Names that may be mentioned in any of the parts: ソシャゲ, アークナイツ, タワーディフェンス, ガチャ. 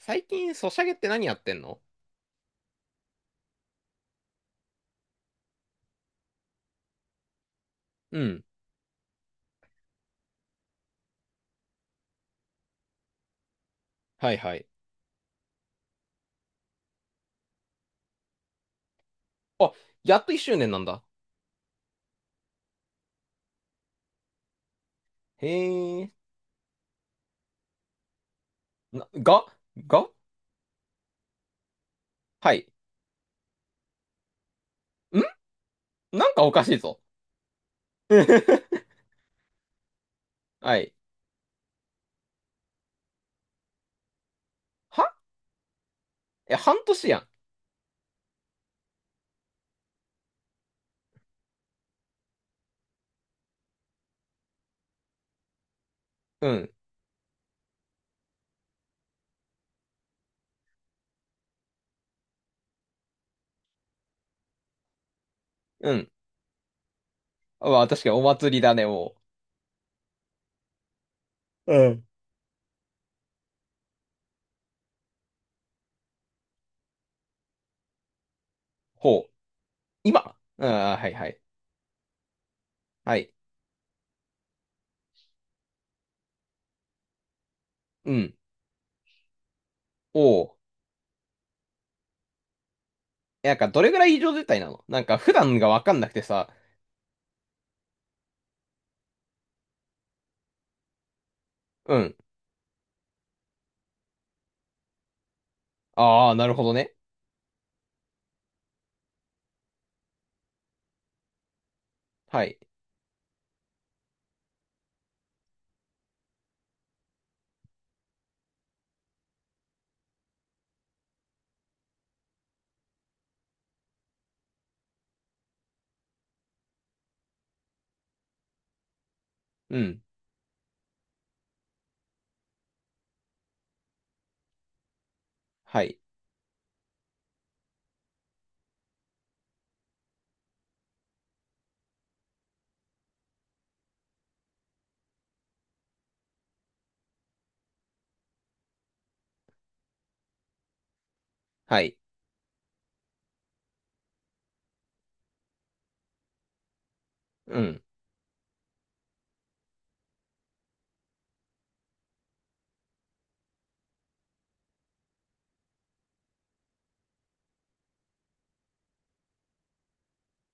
最近、ソシャゲって何やってんの？うん。はいはい。あ、やっと1周年なんだ。へえ。な、が、がはい。んなんかおかしいぞ。はい。はえ、半年やん。うん。うん。まあ、確かにお祭りだね、うん。ほう。今ああー、はいはい。はい。うん。おお。え、なんか、どれぐらい異常事態なの？なんか、普段がわかんなくてさ。うん。ああ、なるほどね。はい。うん。はい。はい。うん。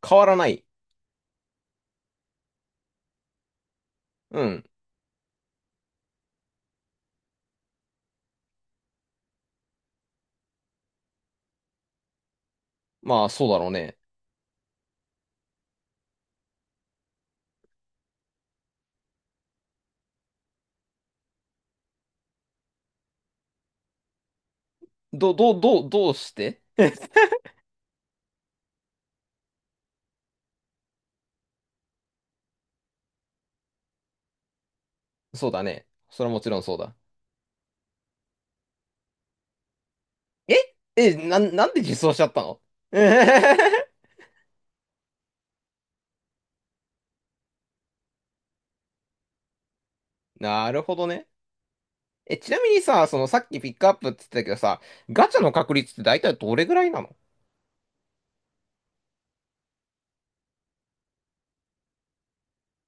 変わらない。うん。まあ、そうだろうね。どうして？ そうだね。それはもちろんそうだ。ええ、なんで実装しちゃったの？ なるほどね。え、ちなみにさ、そのさっきピックアップって言ってたけどさ、ガチャの確率って大体どれぐらいなの？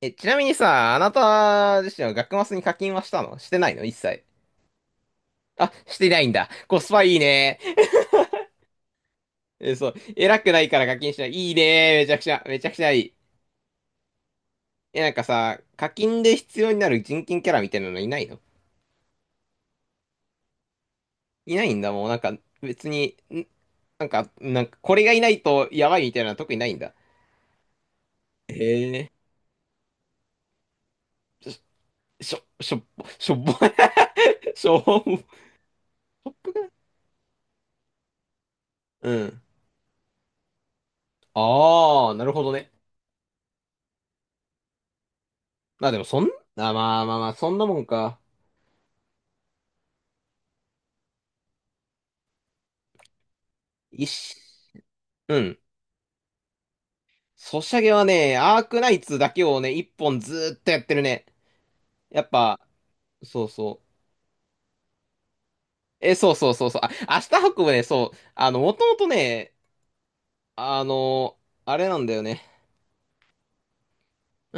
え、ちなみにさ、あなた自身は学マスに課金はしたのしてないの、一切。あ、してないんだ。コスパいいね。え、そう。偉くないから課金しない。いいね。めちゃくちゃ、めちゃくちゃいい。え、なんかさ、課金で必要になる人権キャラみたいなのいないの？いないんだ、もうなんか別に、なんかこれがいないとやばいみたいなのは特にないんだ。へえ。しょ、しょ、しょっぽ、しょっぽ、しょっぽ、ショッが、うん。ああ、なるほどね。まあでもあ、まあまあまあ、そんなもんか。一し、うん。ソシャゲはね、アークナイツだけをね、一本ずーっとやってるね。やっぱ、そうそう。え、そうそうそうそう。あ、明日運ぶね、そう。もともとね、あの、あれなんだよね。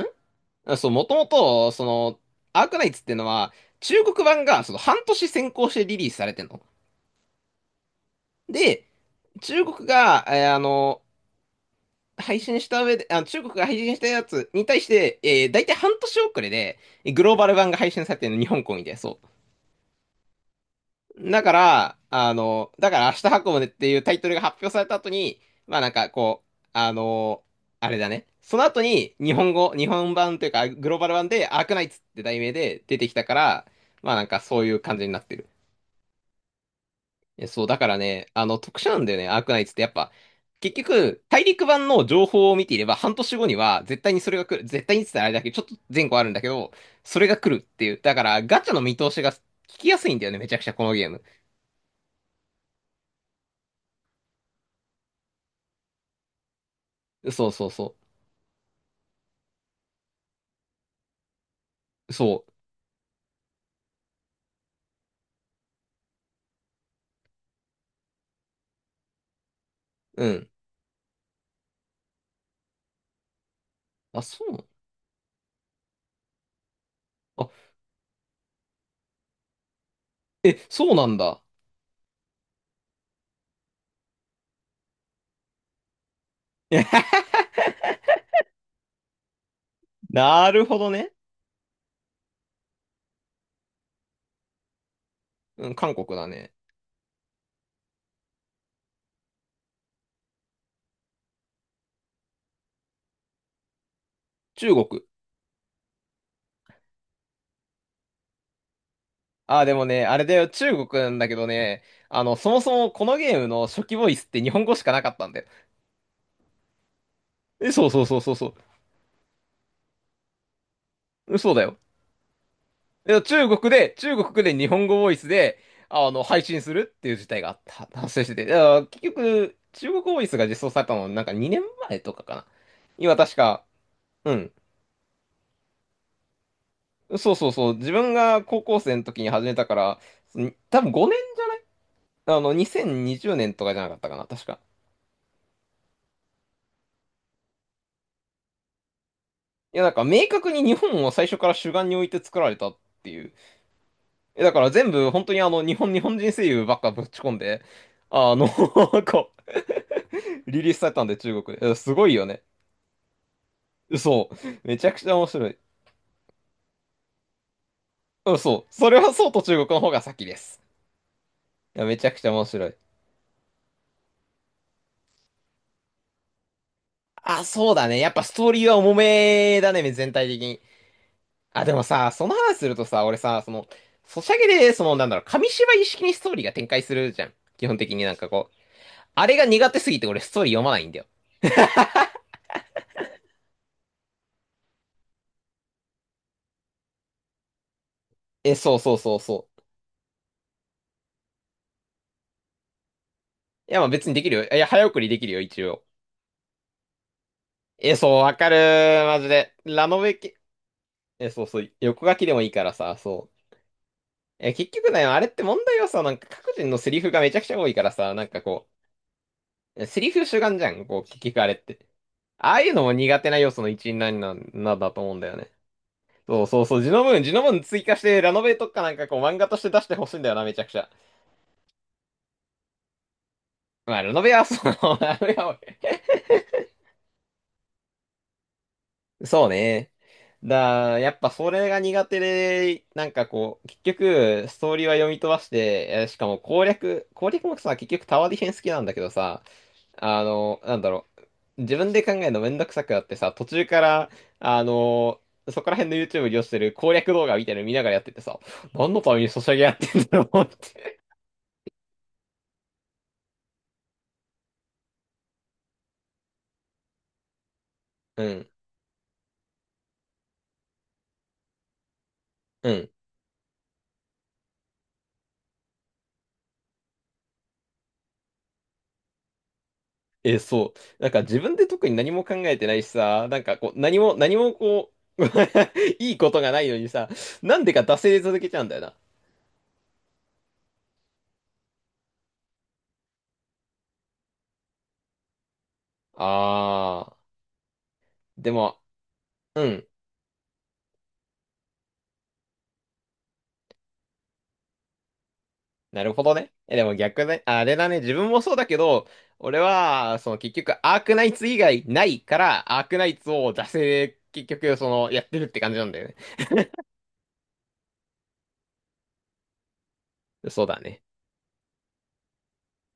んあ、そう、もともと、アークナイツっていうのは、中国版がその半年先行してリリースされてんの。で、中国が、配信した上で、あ、中国が配信したやつに対して、大体半年遅れで、グローバル版が配信されてるの、日本公演で、そう。だから明日運ぶねっていうタイトルが発表された後に、まあなんかこう、あれだね。その後に日本版というかグローバル版でアークナイツって題名で出てきたから、まあなんかそういう感じになってる。え、そう、だからね、特殊なんだよね、アークナイツってやっぱ、結局、大陸版の情報を見ていれば半年後には絶対にそれが来る。絶対にって言ったらあれだけど、ちょっと前後あるんだけど、それが来るっていう。だからガチャの見通しが聞きやすいんだよね、めちゃくちゃこのゲーム。そうそうそう。そう。うん。あ、そう。あ、え、そうなんだ。なるほどね。うん、韓国だね。中国。あ、でもね、あれだよ、中国なんだけどね、そもそもこのゲームの初期ボイスって日本語しかなかったんだよ。え、そうそうそうそうそう。そうだよ。いや、中国で日本語ボイスで、配信するっていう事態があった、発生してて。いや結局、中国ボイスが実装されたの、なんか2年前とかかな。今確か、うん。そうそうそう、自分が高校生の時に始めたから、多分5年、2020年とかじゃなかったかな、確か。いや、なんか明確に日本を最初から主眼に置いて作られたっていう。だから全部本当に日本人声優ばっかぶち込んで、こう、リリースされたんで中国で。すごいよね。そう。めちゃくちゃ面白い。うん、そう。それはそうと中国の方が先です。いやめちゃくちゃ面白い。あ、そうだね。やっぱストーリーは重めだね、全体的に。あ、でもさ、その話するとさ、俺さ、ソシャゲで、なんだろう、紙芝居式にストーリーが展開するじゃん。基本的になんかこう、あれが苦手すぎて俺ストーリー読まないんだよ。え、そうそうそうそう。いや、まあ別にできるよ。いや、早送りできるよ、一応。え、そう、わかるマジで。ラノベ系、え、そうそう、横書きでもいいからさ、そう。え、結局ね、あれって問題はさ、なんか各人のセリフがめちゃくちゃ多いからさ、なんかこう、セリフ主眼じゃん、こう、結局あれって。ああいうのも苦手な要素の一員なんなんだと思うんだよね。そうそうそう、ジノムーン、ジノムーン追加して、ラノベとかなんかこう漫画として出してほしいんだよな、めちゃくちゃ。まあ、ラノベはそう、ラノベはそうね。やっぱそれが苦手で、なんかこう、結局、ストーリーは読み飛ばして、しかも攻略もさ、結局タワーディフェンス好きなんだけどさ、なんだろう、自分で考えるのめんどくさくなってさ、途中から、あの、そこら辺の YouTube に利用してる攻略動画みたいなの見ながらやっててさ、何のためにソシャゲやってんだろうって。うん、うん。え、そう。なんか自分で特に何も考えてないしさ、なんかこう、何も、何もこう、いいことがないのにさ、なんでか惰性で続けちゃうんだよな。あー、でも、うん、なるほどね。え、でも逆ね、あれだね、自分もそうだけど、俺は、その結局、アークナイツ以外ないから、アークナイツを惰性で結局、やってるって感じなんだよね。そうだね。